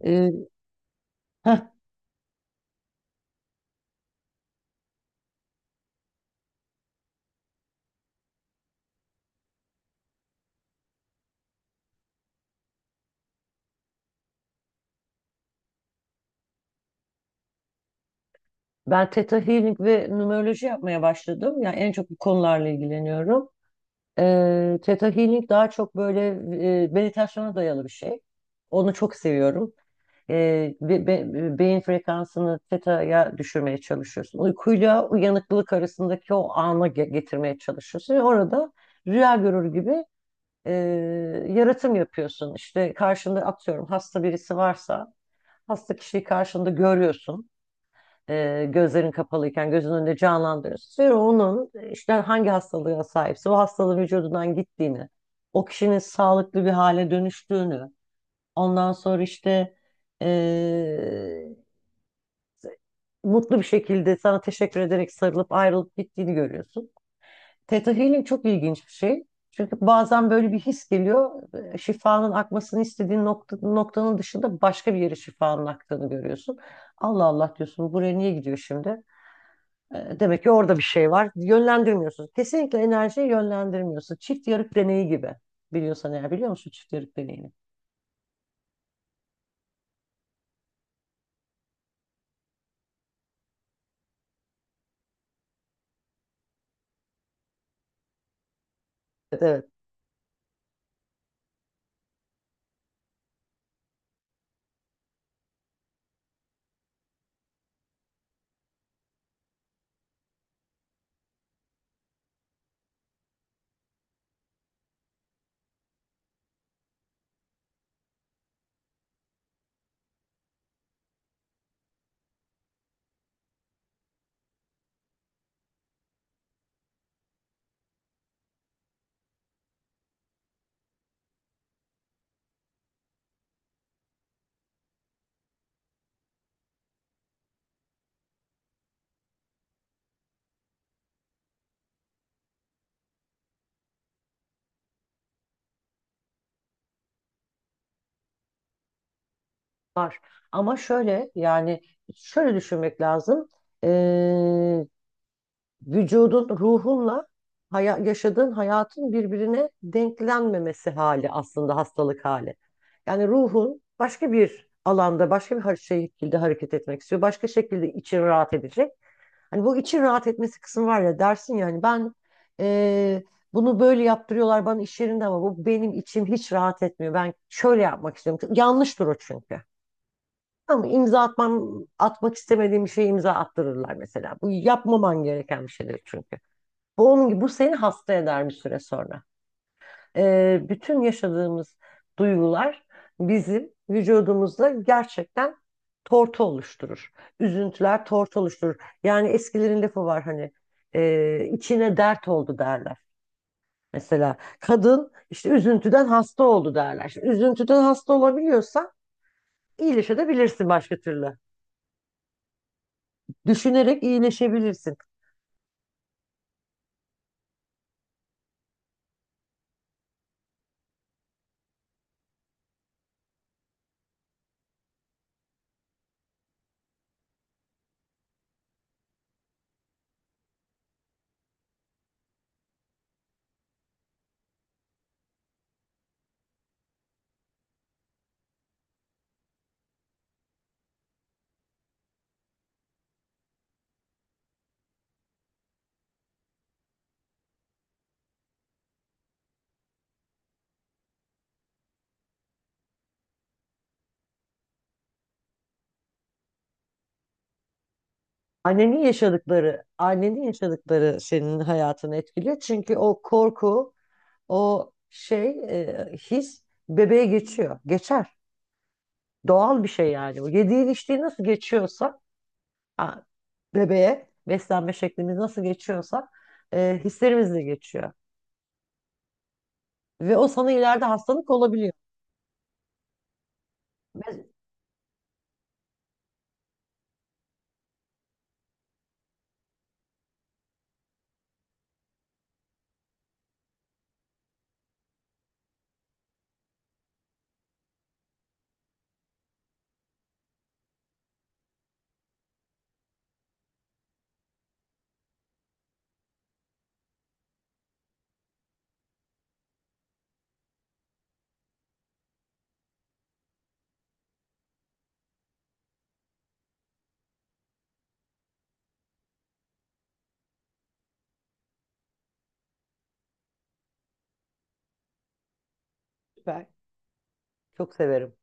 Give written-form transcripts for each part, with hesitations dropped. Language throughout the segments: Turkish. Ee, heh, ben Theta Healing ve numeroloji yapmaya başladım. Yani en çok bu konularla ilgileniyorum. Theta Healing daha çok böyle meditasyona dayalı bir şey. Onu çok seviyorum. Beyin frekansını theta'ya düşürmeye çalışıyorsun. Uykuyla uyanıklılık arasındaki o ana getirmeye çalışıyorsun. Ve orada rüya görür gibi e, yaratım yapıyorsun. İşte karşında atıyorum hasta birisi varsa hasta kişiyi karşında görüyorsun. Gözlerin kapalıyken gözün önünde canlandırıyorsun. Sonra onun işte hangi hastalığa sahipse o hastalığın vücudundan gittiğini, o kişinin sağlıklı bir hale dönüştüğünü, ondan sonra işte e, mutlu bir şekilde sana teşekkür ederek sarılıp ayrılıp gittiğini görüyorsun. Theta Healing çok ilginç bir şey. Çünkü bazen böyle bir his geliyor. Şifanın akmasını istediğin nokta, noktanın dışında başka bir yere şifanın aktığını görüyorsun. Allah Allah diyorsun, buraya niye gidiyor şimdi? E, Demek ki orada bir şey var. Yönlendirmiyorsunuz. Kesinlikle enerjiyi yönlendirmiyorsun. Çift yarık deneyi gibi. Biliyorsan eğer, biliyor musun çift yarık deneyini? Evet, evet, var. Ama şöyle, yani şöyle düşünmek lazım. Ee, vücudun, ruhunla yaşadığın hayatın birbirine denklenmemesi hali aslında hastalık hali. Yani ruhun başka bir alanda, başka bir şekilde hareket etmek istiyor. Başka şekilde için rahat edecek. Hani bu için rahat etmesi kısmı var ya, dersin yani, ben eee, bunu böyle yaptırıyorlar bana iş yerinde ama bu benim içim hiç rahat etmiyor. Ben şöyle yapmak istiyorum. Yanlıştır o çünkü. Ama imza atmam, atmak istemediğim bir şeye imza attırırlar mesela. Bu yapmaman gereken bir şeydir çünkü. Bu onun gibi, bu seni hasta eder bir süre sonra. Bütün yaşadığımız duygular bizim vücudumuzda gerçekten tortu oluşturur. Üzüntüler tortu oluşturur. Yani eskilerin lafı var hani, içine dert oldu derler. Mesela kadın işte üzüntüden hasta oldu derler. Şimdi üzüntüden hasta olabiliyorsan iyileşebilirsin başka türlü. Düşünerek iyileşebilirsin. Annenin yaşadıkları, annenin yaşadıkları senin hayatını etkiliyor. Çünkü o korku, o şey, his bebeğe geçiyor. Geçer. Doğal bir şey yani. O yediğin içtiğin nasıl geçiyorsa, ha, bebeğe beslenme şeklimiz nasıl geçiyorsa, hislerimiz de geçiyor. Ve o sana ileride hastalık olabiliyor. Ben ben çok severim.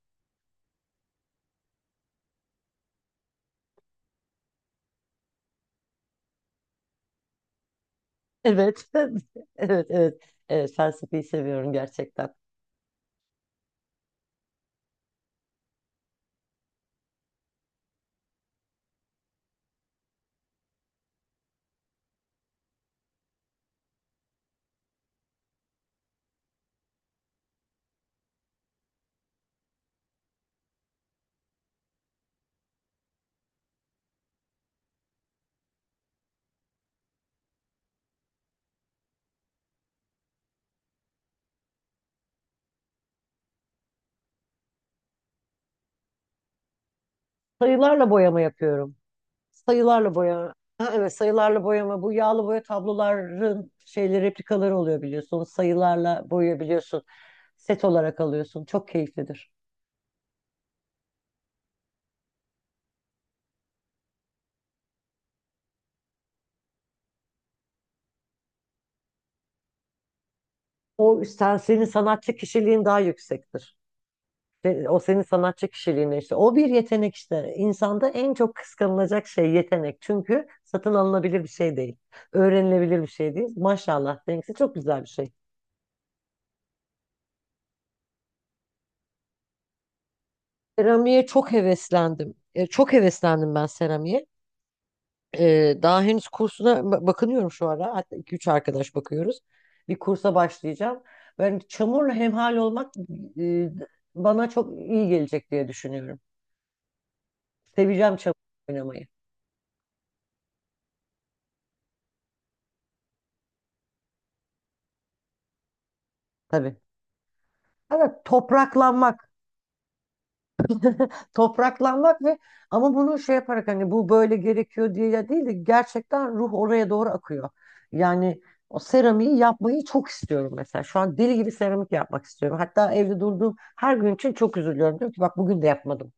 Evet. Evet, evet. Evet, felsefeyi seviyorum gerçekten. Sayılarla boyama yapıyorum. Sayılarla boyama. Ha, evet, sayılarla boyama, bu yağlı boya tabloların şeyleri, replikaları oluyor biliyorsun. Sayılarla boyayabiliyorsun. Set olarak alıyorsun. Çok keyiflidir. O sen, senin sanatçı kişiliğin daha yüksektir. Ve o senin sanatçı kişiliğine işte. O bir yetenek işte. İnsanda en çok kıskanılacak şey yetenek. Çünkü satın alınabilir bir şey değil. Öğrenilebilir bir şey değil. Maşallah. Benimkisi çok güzel bir şey. Seramiğe çok heveslendim. E, çok heveslendim ben seramiğe. Daha henüz kursuna bakınıyorum şu ara. Hatta iki üç arkadaş bakıyoruz. Bir kursa başlayacağım. Ben çamurla hemhal olmak e, bana çok iyi gelecek diye düşünüyorum. Seveceğim çamur oynamayı. Tabii. Evet, topraklanmak. Topraklanmak ve ama bunu şey yaparak, hani bu böyle gerekiyor diye ya değil de, gerçekten ruh oraya doğru akıyor. Yani o seramiği yapmayı çok istiyorum mesela. Şu an deli gibi seramik yapmak istiyorum. Hatta evde durduğum her gün için çok üzülüyorum. Diyorum ki bak, bugün de yapmadım.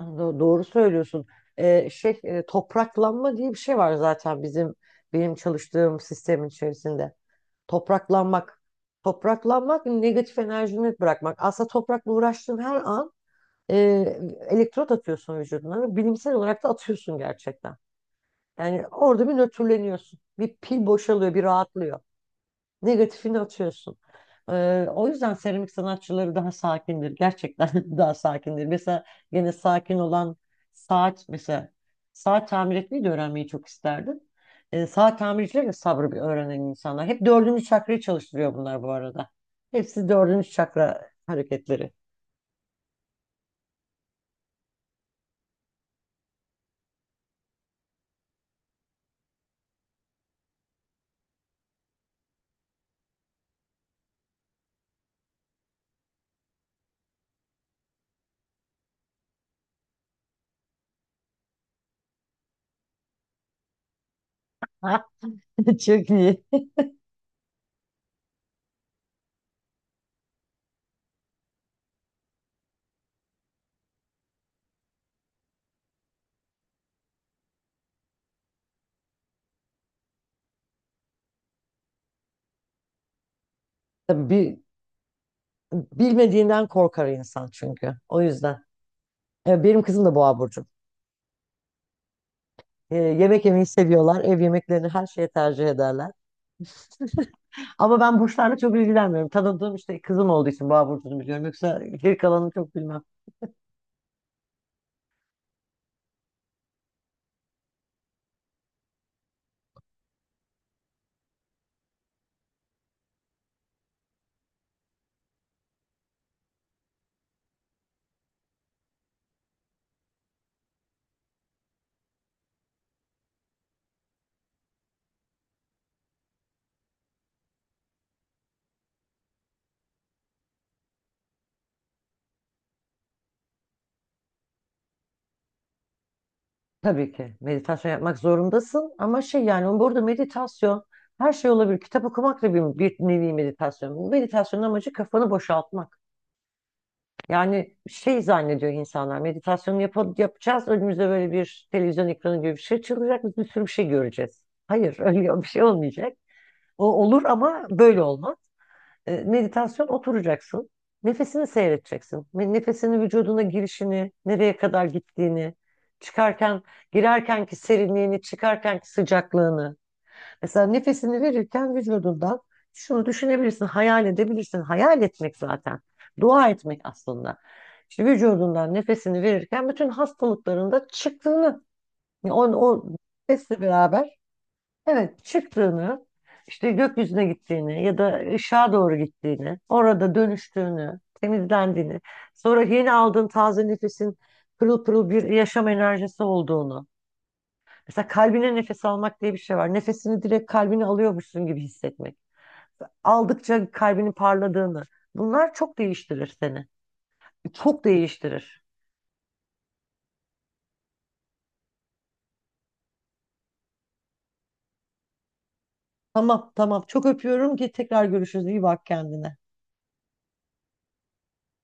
Doğru söylüyorsun. Şey, topraklanma diye bir şey var zaten bizim, benim çalıştığım sistemin içerisinde. Topraklanmak. Topraklanmak negatif enerjini bırakmak. Aslında toprakla uğraştığın her an e, elektrot atıyorsun vücuduna, ve bilimsel olarak da atıyorsun gerçekten. Yani orada bir nötrleniyorsun. Bir pil boşalıyor, bir rahatlıyor. Negatifini atıyorsun. O yüzden seramik sanatçıları daha sakindir. Gerçekten daha sakindir. Mesela gene sakin olan saat, mesela saat tamir etmeyi de öğrenmeyi çok isterdim. Saat tamircileri de sabrı bir öğrenen insanlar. Hep dördüncü çakrayı çalıştırıyor bunlar bu arada. Hepsi dördüncü çakra hareketleri. Ha, çok iyi. Tabii, bilmediğinden korkar insan çünkü. O yüzden. Benim kızım da boğa burcu. Yemek yemeyi seviyorlar. Ev yemeklerini her şeye tercih ederler. Ama ben burçlarla çok ilgilenmiyorum. Tanıdığım, işte kızım olduğu için boğa burcunu biliyorum. Yoksa geri kalanını çok bilmem. Tabii ki meditasyon yapmak zorundasın, ama şey, yani burada meditasyon her şey olabilir. Kitap okumak da bir nevi meditasyon. Meditasyonun amacı kafanı boşaltmak. Yani şey zannediyor insanlar, meditasyon yapacağız, önümüze böyle bir televizyon ekranı gibi bir şey çıkacak, biz bir sürü bir şey göreceğiz. Hayır, öyle bir şey olmayacak. O olur ama böyle olmaz. E, meditasyon, oturacaksın. Nefesini seyredeceksin. Ve nefesini, vücuduna girişini, nereye kadar gittiğini, çıkarken, girerkenki serinliğini, çıkarkenki sıcaklığını. Mesela nefesini verirken vücudundan şunu düşünebilirsin, hayal edebilirsin. Hayal etmek zaten. Dua etmek aslında. İşte vücudundan nefesini verirken bütün hastalıklarında çıktığını, yani o nefesle beraber evet, çıktığını, işte gökyüzüne gittiğini ya da ışığa doğru gittiğini, orada dönüştüğünü, temizlendiğini, sonra yeni aldığın taze nefesin pırıl pırıl bir yaşam enerjisi olduğunu. Mesela kalbine nefes almak diye bir şey var. Nefesini direkt kalbine alıyormuşsun gibi hissetmek. Aldıkça kalbinin parladığını. Bunlar çok değiştirir seni. Çok değiştirir. Tamam, tamam. Çok öpüyorum, ki tekrar görüşürüz. İyi bak kendine.